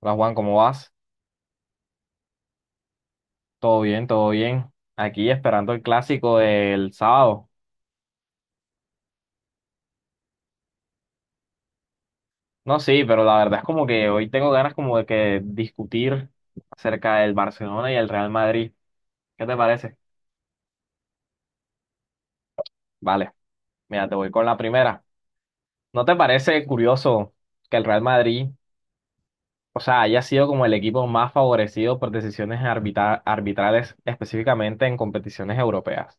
Hola Juan, ¿cómo vas? Todo bien, todo bien. Aquí esperando el clásico del sábado. No, sí, pero la verdad es como que hoy tengo ganas como de que discutir acerca del Barcelona y el Real Madrid. ¿Qué te parece? Vale, mira, te voy con la primera. ¿No te parece curioso que el Real Madrid, o sea, haya sido como el equipo más favorecido por decisiones arbitrales, específicamente en competiciones europeas?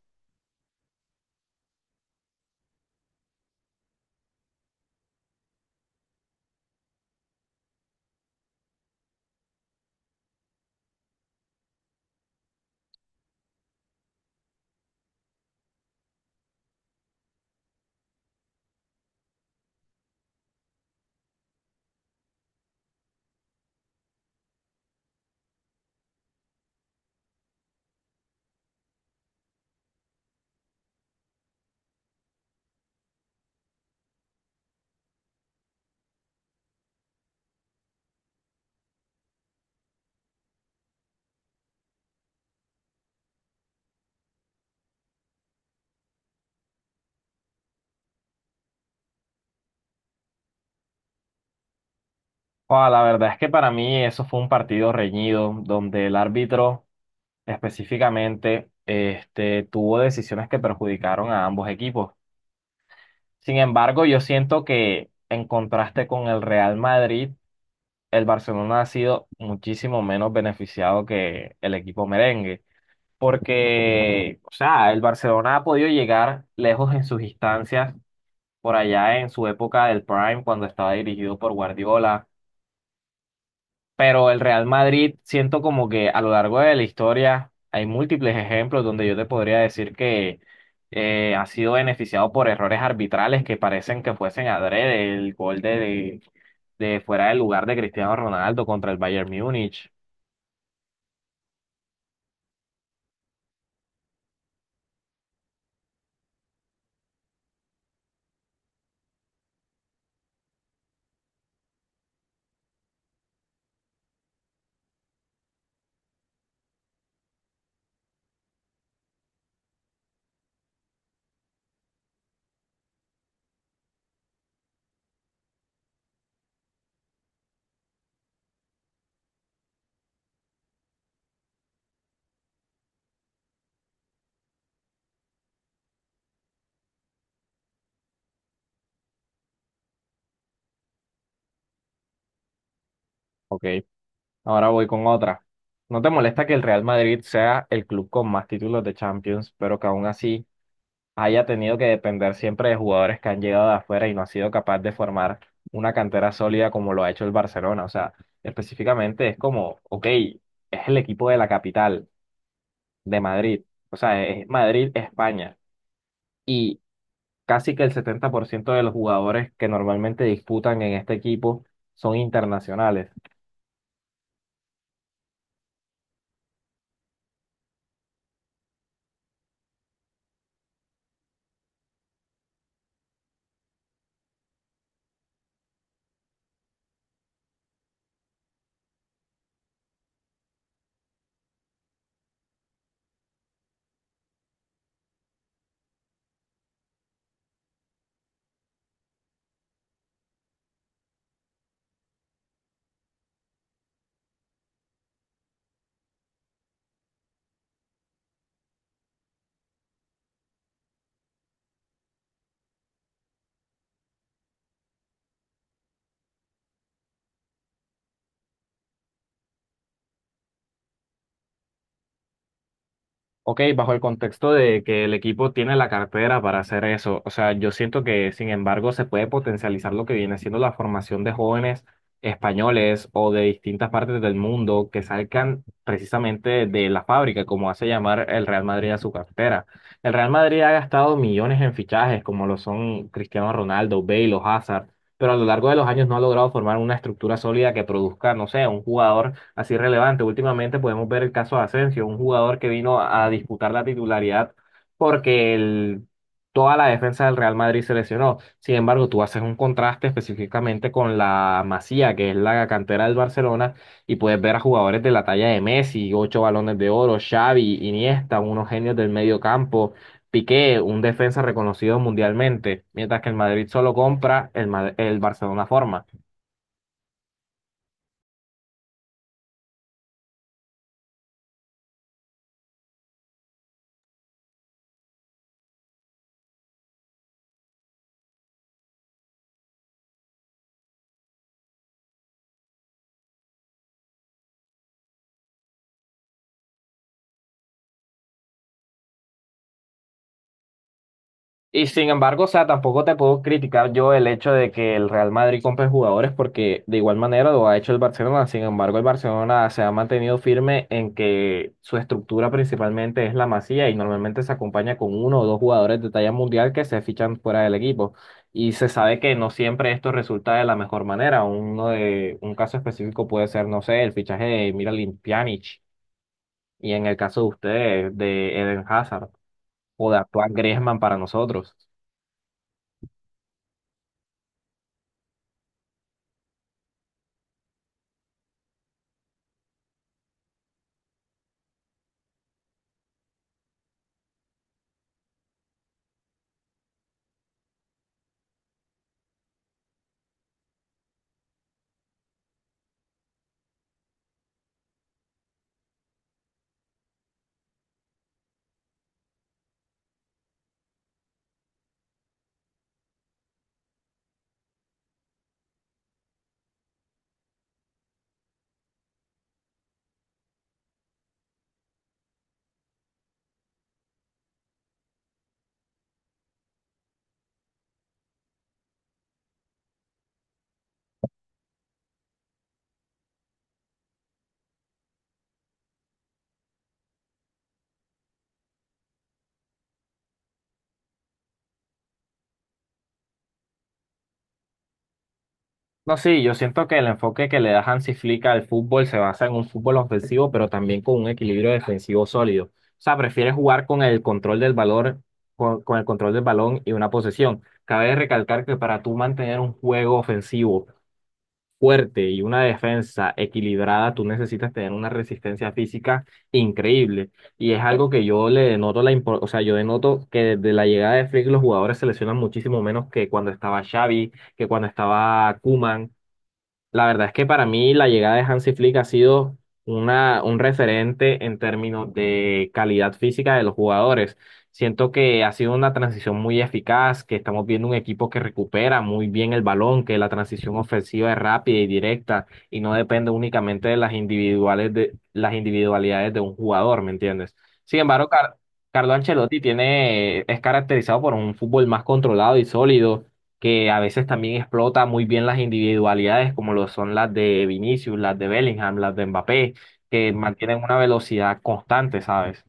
O la verdad es que para mí eso fue un partido reñido, donde el árbitro específicamente este, tuvo decisiones que perjudicaron a ambos equipos. Sin embargo, yo siento que en contraste con el Real Madrid, el Barcelona ha sido muchísimo menos beneficiado que el equipo merengue, porque, o sea, el Barcelona ha podido llegar lejos en sus instancias, por allá en su época del Prime, cuando estaba dirigido por Guardiola. Pero el Real Madrid, siento como que a lo largo de la historia hay múltiples ejemplos donde yo te podría decir que ha sido beneficiado por errores arbitrales que parecen que fuesen adrede. El gol de fuera del lugar de Cristiano Ronaldo contra el Bayern Múnich. Ok, ahora voy con otra. ¿No te molesta que el Real Madrid sea el club con más títulos de Champions, pero que aún así haya tenido que depender siempre de jugadores que han llegado de afuera y no ha sido capaz de formar una cantera sólida como lo ha hecho el Barcelona? O sea, específicamente es como, ok, es el equipo de la capital, de Madrid. O sea, es Madrid, España. Y casi que el 70% de los jugadores que normalmente disputan en este equipo son internacionales. Ok, bajo el contexto de que el equipo tiene la cartera para hacer eso, o sea, yo siento que sin embargo se puede potencializar lo que viene siendo la formación de jóvenes españoles o de distintas partes del mundo que salgan precisamente de la fábrica, como hace llamar el Real Madrid a su cartera. El Real Madrid ha gastado millones en fichajes, como lo son Cristiano Ronaldo, Bale o Hazard, pero a lo largo de los años no ha logrado formar una estructura sólida que produzca, no sé, un jugador así relevante. Últimamente podemos ver el caso de Asensio, un jugador que vino a disputar la titularidad porque toda la defensa del Real Madrid se lesionó. Sin embargo, tú haces un contraste específicamente con la Masía, que es la cantera del Barcelona, y puedes ver a jugadores de la talla de Messi, ocho balones de oro, Xavi, Iniesta, unos genios del medio campo. Piqué, un defensa reconocido mundialmente, mientras que el Madrid solo compra, el Barcelona forma. Y sin embargo, o sea, tampoco te puedo criticar yo el hecho de que el Real Madrid compre jugadores porque de igual manera lo ha hecho el Barcelona. Sin embargo, el Barcelona se ha mantenido firme en que su estructura principalmente es la Masía y normalmente se acompaña con uno o dos jugadores de talla mundial que se fichan fuera del equipo. Y se sabe que no siempre esto resulta de la mejor manera. Uno de un caso específico puede ser, no sé, el fichaje de Miralem Pjanic y en el caso de ustedes de Eden Hazard o de actual Griezmann para nosotros. No, sí, yo siento que el enfoque que le da Hansi Flick al fútbol se basa en un fútbol ofensivo, pero también con un equilibrio defensivo sólido. O sea, prefiere jugar con el control del balón, con el control del balón y una posesión. Cabe recalcar que para tú mantener un juego ofensivo fuerte y una defensa equilibrada, tú necesitas tener una resistencia física increíble. Y es algo que yo le denoto o sea, yo denoto que desde la llegada de Flick los jugadores se lesionan muchísimo menos que cuando estaba Xavi, que cuando estaba Koeman. La verdad es que para mí la llegada de Hansi Flick ha sido un referente en términos de calidad física de los jugadores. Siento que ha sido una transición muy eficaz, que estamos viendo un equipo que recupera muy bien el balón, que la transición ofensiva es rápida y directa y no depende únicamente de las individualidades de un jugador, ¿me entiendes? Sin embargo, Carlo Ancelotti es caracterizado por un fútbol más controlado y sólido que a veces también explota muy bien las individualidades, como lo son las de Vinicius, las de Bellingham, las de Mbappé, que mantienen una velocidad constante, ¿sabes?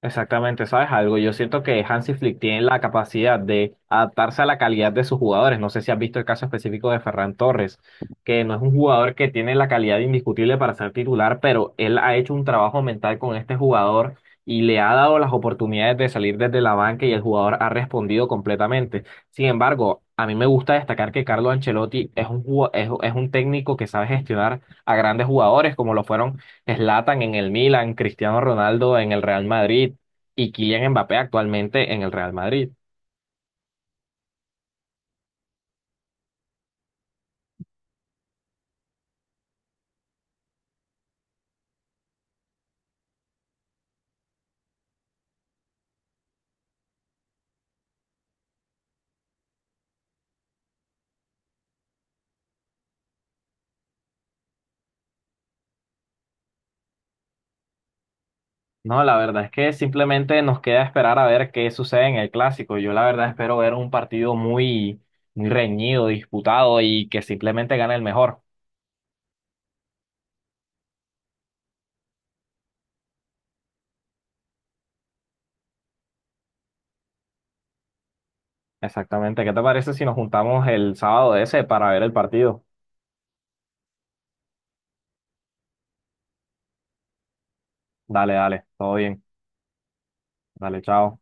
Exactamente, ¿sabes algo? Yo siento que Hansi Flick tiene la capacidad de adaptarse a la calidad de sus jugadores. No sé si has visto el caso específico de Ferran Torres, que no es un jugador que tiene la calidad indiscutible para ser titular, pero él ha hecho un trabajo mental con este jugador y le ha dado las oportunidades de salir desde la banca y el jugador ha respondido completamente. Sin embargo, a mí me gusta destacar que Carlo Ancelotti es un técnico que sabe gestionar a grandes jugadores como lo fueron: Zlatan en el Milan, Cristiano Ronaldo en el Real Madrid, y Kylian Mbappé actualmente en el Real Madrid. No, la verdad es que simplemente nos queda esperar a ver qué sucede en el clásico. Yo la verdad espero ver un partido muy, muy reñido, disputado y que simplemente gane el mejor. Exactamente. ¿Qué te parece si nos juntamos el sábado ese para ver el partido? Dale, dale, todo bien. Dale, chao.